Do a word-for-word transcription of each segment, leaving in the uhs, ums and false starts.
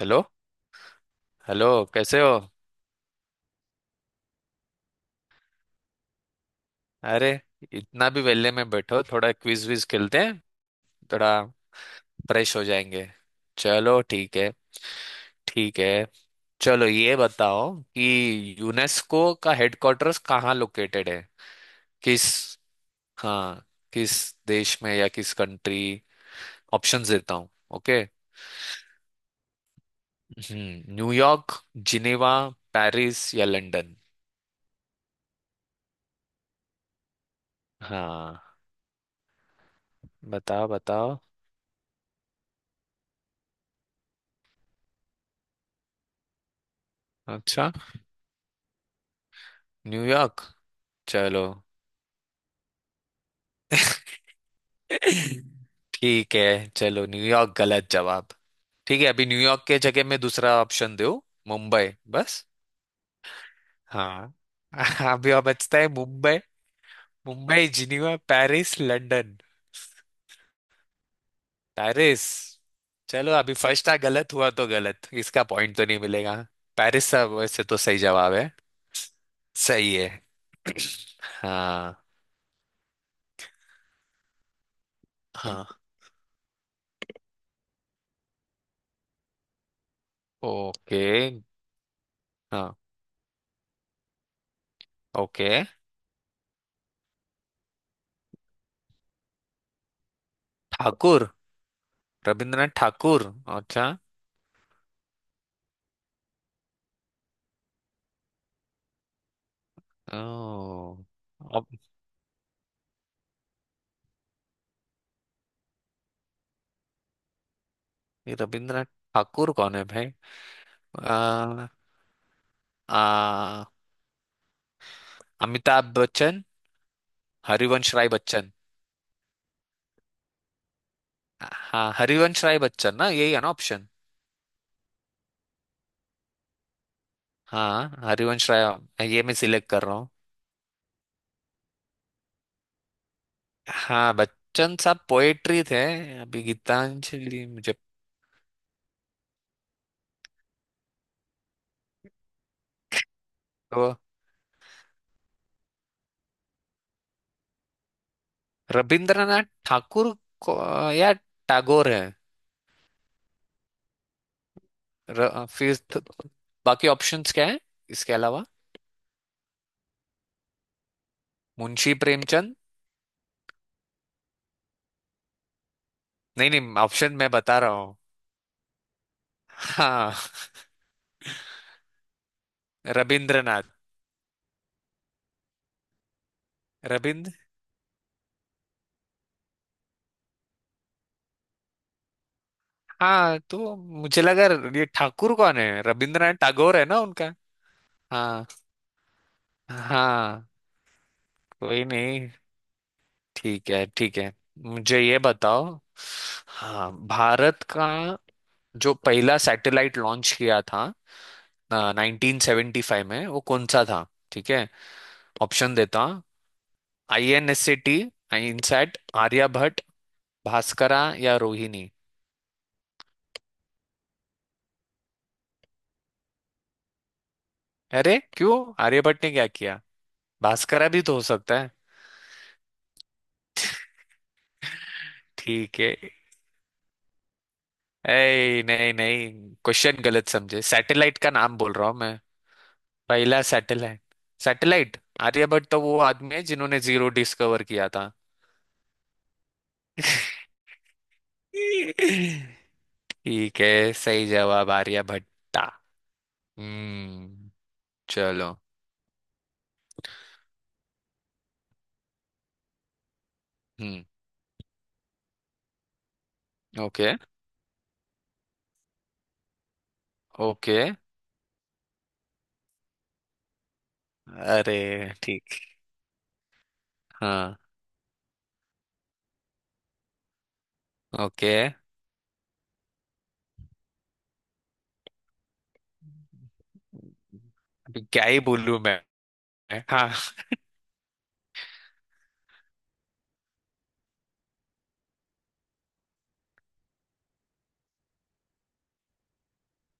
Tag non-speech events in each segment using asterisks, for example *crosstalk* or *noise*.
Hello. Hello. कैसे हो? अरे, इतना भी वेले में बैठो, थोड़ा क्विज विज खेलते हैं। थोड़ा फ्रेश हो जाएंगे। चलो, ठीक है। ठीक है। चलो, ये बताओ कि यूनेस्को का हेडक्वार्टर्स कहाँ लोकेटेड है? किस हाँ, किस देश में या किस कंट्री? ऑप्शंस देता हूँ। ओके। हम्म न्यूयॉर्क, जिनेवा, पेरिस या लंदन? हाँ, बताओ बताओ। अच्छा, न्यूयॉर्क। चलो। *laughs* *laughs* ठीक है। चलो, न्यूयॉर्क गलत जवाब। ठीक है, अभी न्यूयॉर्क के जगह में दूसरा ऑप्शन दो। मुंबई। बस। हाँ। *laughs* अभी और बचता है। Mumbai Mumbai, Geneva, Paris, London. Paris. चलो, अभी फर्स्ट था गलत, हुआ तो गलत, इसका पॉइंट तो नहीं मिलेगा। पेरिस सब वैसे तो सही जवाब है। सही है। हाँ। हाँ। ओके। हाँ। ओके। ठाकुर? रविंद्रनाथ ठाकुर। अच्छा। ओ, ये रविंद्रनाथ ठाकुर कौन है भाई? आ, आ, अमिताभ बच्चन, हरिवंश राय बच्चन। हाँ, हरिवंश राय बच्चन ना, यही है ना ऑप्शन? हाँ, हरिवंश राय ये मैं सिलेक्ट कर रहा हूँ। हाँ, बच्चन साहब पोएट्री थे। अभी गीतांजलि मुझे, तो रविंद्रनाथ ठाकुर को, या टैगोर है? र, फिर तो बाकी ऑप्शंस क्या है? इसके अलावा मुंशी प्रेमचंद। नहीं नहीं, ऑप्शन मैं बता रहा हूँ। हाँ, रविंद्रनाथ। रविंद्र। हाँ, तो मुझे लगा ये ठाकुर कौन है, रविंद्रनाथ टैगोर है ना उनका। हाँ। हाँ, कोई नहीं। ठीक है। ठीक है। मुझे ये बताओ। हाँ, भारत का जो पहला सैटेलाइट लॉन्च किया था नाइनटीन सेवेंटी फाइव में, वो कौन सा था? ठीक है, ऑप्शन देता हूँ। I N S C T, INSAT, Aryabhata, Bhaskara या रोहिणी? अरे क्यों? आर्यभट्ट ने क्या किया? भास्करा भी तो हो सकता है। ठीक है। ऐ, नहीं नहीं, क्वेश्चन गलत समझे, सैटेलाइट का नाम बोल रहा हूँ मैं। पहला सैटेलाइट। सैटेलाइट। आर्यभट्ट तो वो आदमी है जिन्होंने जीरो डिस्कवर किया था। *laughs* ठीक है, सही जवाब आर्यभट्टा। हम्म। चलो। हम्म। ओके। ओके। अरे ठीक। हाँ। ओके। अभी क्या ही बोलूं मैं? हाँ,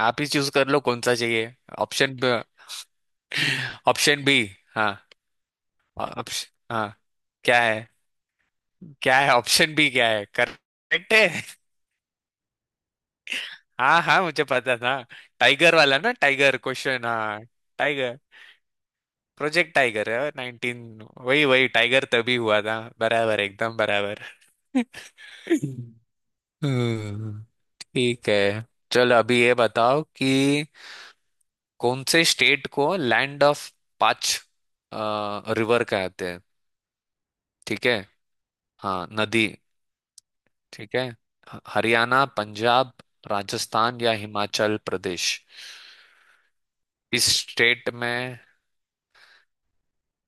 आप ही चूज कर लो कौन सा चाहिए। Option option B. हाँ, ऑप्शन। हाँ। क्या है? क्या है ऑप्शन भी? क्या है, करेक्ट है? हाँ हाँ, मुझे पता था। टाइगर वाला ना, टाइगर क्वेश्चन हाँ। टाइगर। प्रोजेक्ट टाइगर है, नाइनटीन वही वही, टाइगर तभी हुआ था बराबर, एकदम बराबर। *laughs* हम्म, ठीक है। चलो, अभी ये बताओ कि कौन से स्टेट को लैंड ऑफ पांच रिवर कहते हैं? ठीक है। हाँ, नदी। ठीक है। ह- हरियाणा, पंजाब, राजस्थान या हिमाचल प्रदेश? इस स्टेट में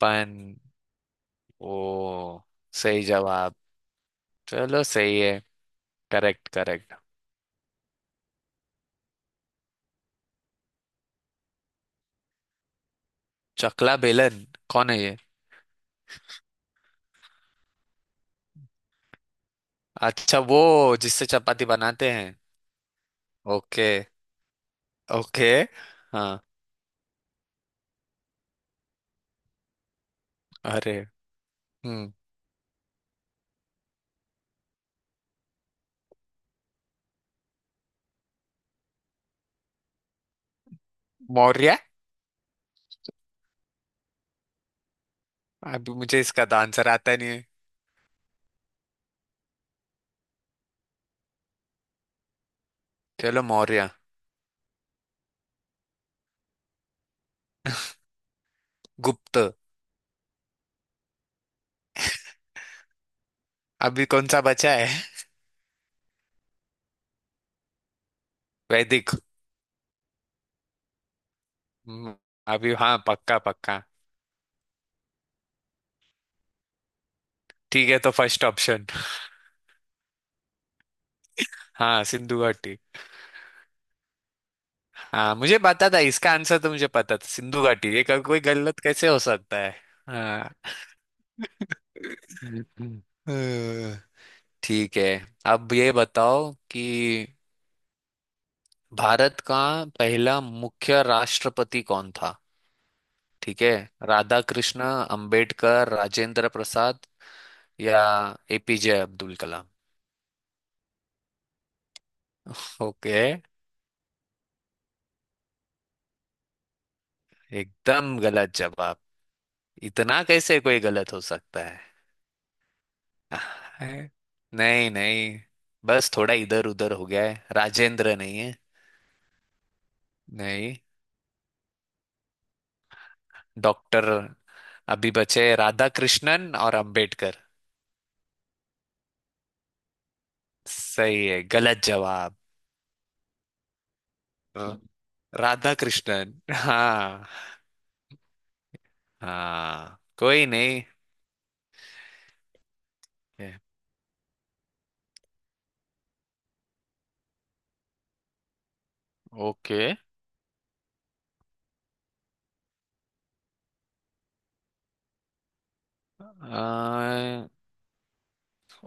पन। ओ, सही जवाब। चलो, सही है। Correct correct. चकला बेलन? कौन है ये? अच्छा, वो जिससे चपाती बनाते हैं। ओके। ओके। हाँ, अरे। हम्म, मौर्य। अभी मुझे इसका तो आंसर आता नहीं है। चलो मौर्य। गुप्त। अभी कौन सा बचा है? *laughs* वैदिक। हम्म, अभी हाँ, पक्का पक्का। ठीक है, तो फर्स्ट ऑप्शन। हाँ, सिंधु घाटी। हाँ, मुझे पता था इसका आंसर, तो मुझे पता था सिंधु घाटी ये, क- कोई गलत कैसे हो सकता है? हाँ। *laughs* हम्म, ठीक है। अब ये बताओ कि भारत का पहला मुख्य राष्ट्रपति कौन था? ठीक है। राधा कृष्ण, अंबेडकर, राजेंद्र प्रसाद या A P J Abdul Kalam? Okay. एकदम गलत जवाब। इतना कैसे कोई गलत हो सकता? *laughs* है? नहीं नहीं, बस थोड़ा इधर उधर हो गया है, राजेंद्र नहीं है। नहीं, डॉक्टर। अभी बचे राधा कृष्णन और अंबेडकर। सही है, गलत जवाब। हाँ। राधा कृष्णन। हाँ। हाँ, कोई नहीं है। ओके। आ,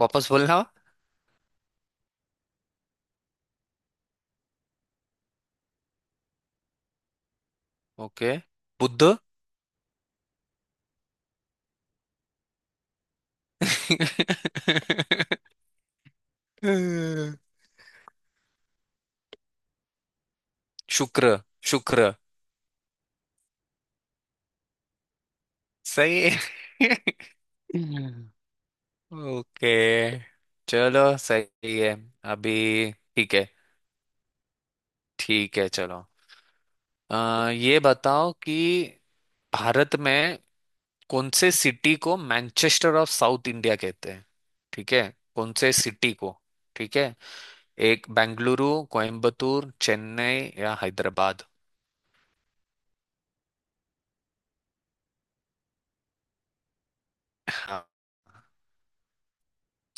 वापस बोलना। ओके। बुद्ध। *laughs* शुक्र। शुक्र सही है। *laughs* ओके। चलो सही है। अभी ठीक है। ठीक है, चलो। आ, ये बताओ कि भारत में कौन से सिटी को मैनचेस्टर ऑफ साउथ इंडिया कहते हैं? ठीक है। कौन से सिटी को? ठीक है। एक, बेंगलुरु, कोयम्बतूर, चेन्नई या हैदराबाद? हाँ।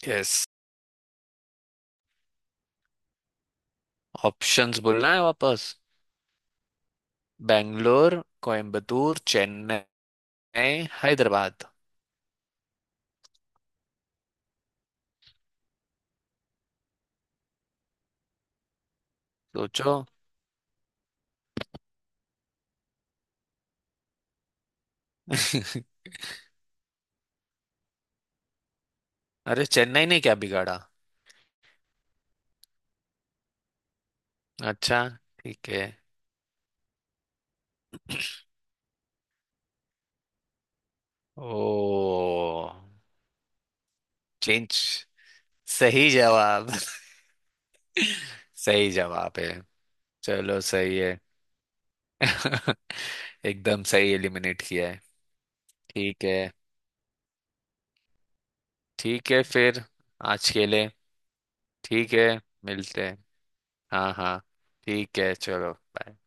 यस, ऑप्शंस बोलना है वापस। बेंगलोर, कोयम्बतूर, चेन्नई, हैदराबाद। सोचो। *laughs* अरे, चेन्नई ने क्या बिगाड़ा? अच्छा, ठीक है। ओ, चिंच। सही जवाब। *laughs* सही जवाब है। चलो सही है। *laughs* एकदम सही एलिमिनेट किया है। ठीक है। ठीक है फिर, आज के लिए ठीक है, मिलते हैं। हाँ हाँ, ठीक है, चलो बाय।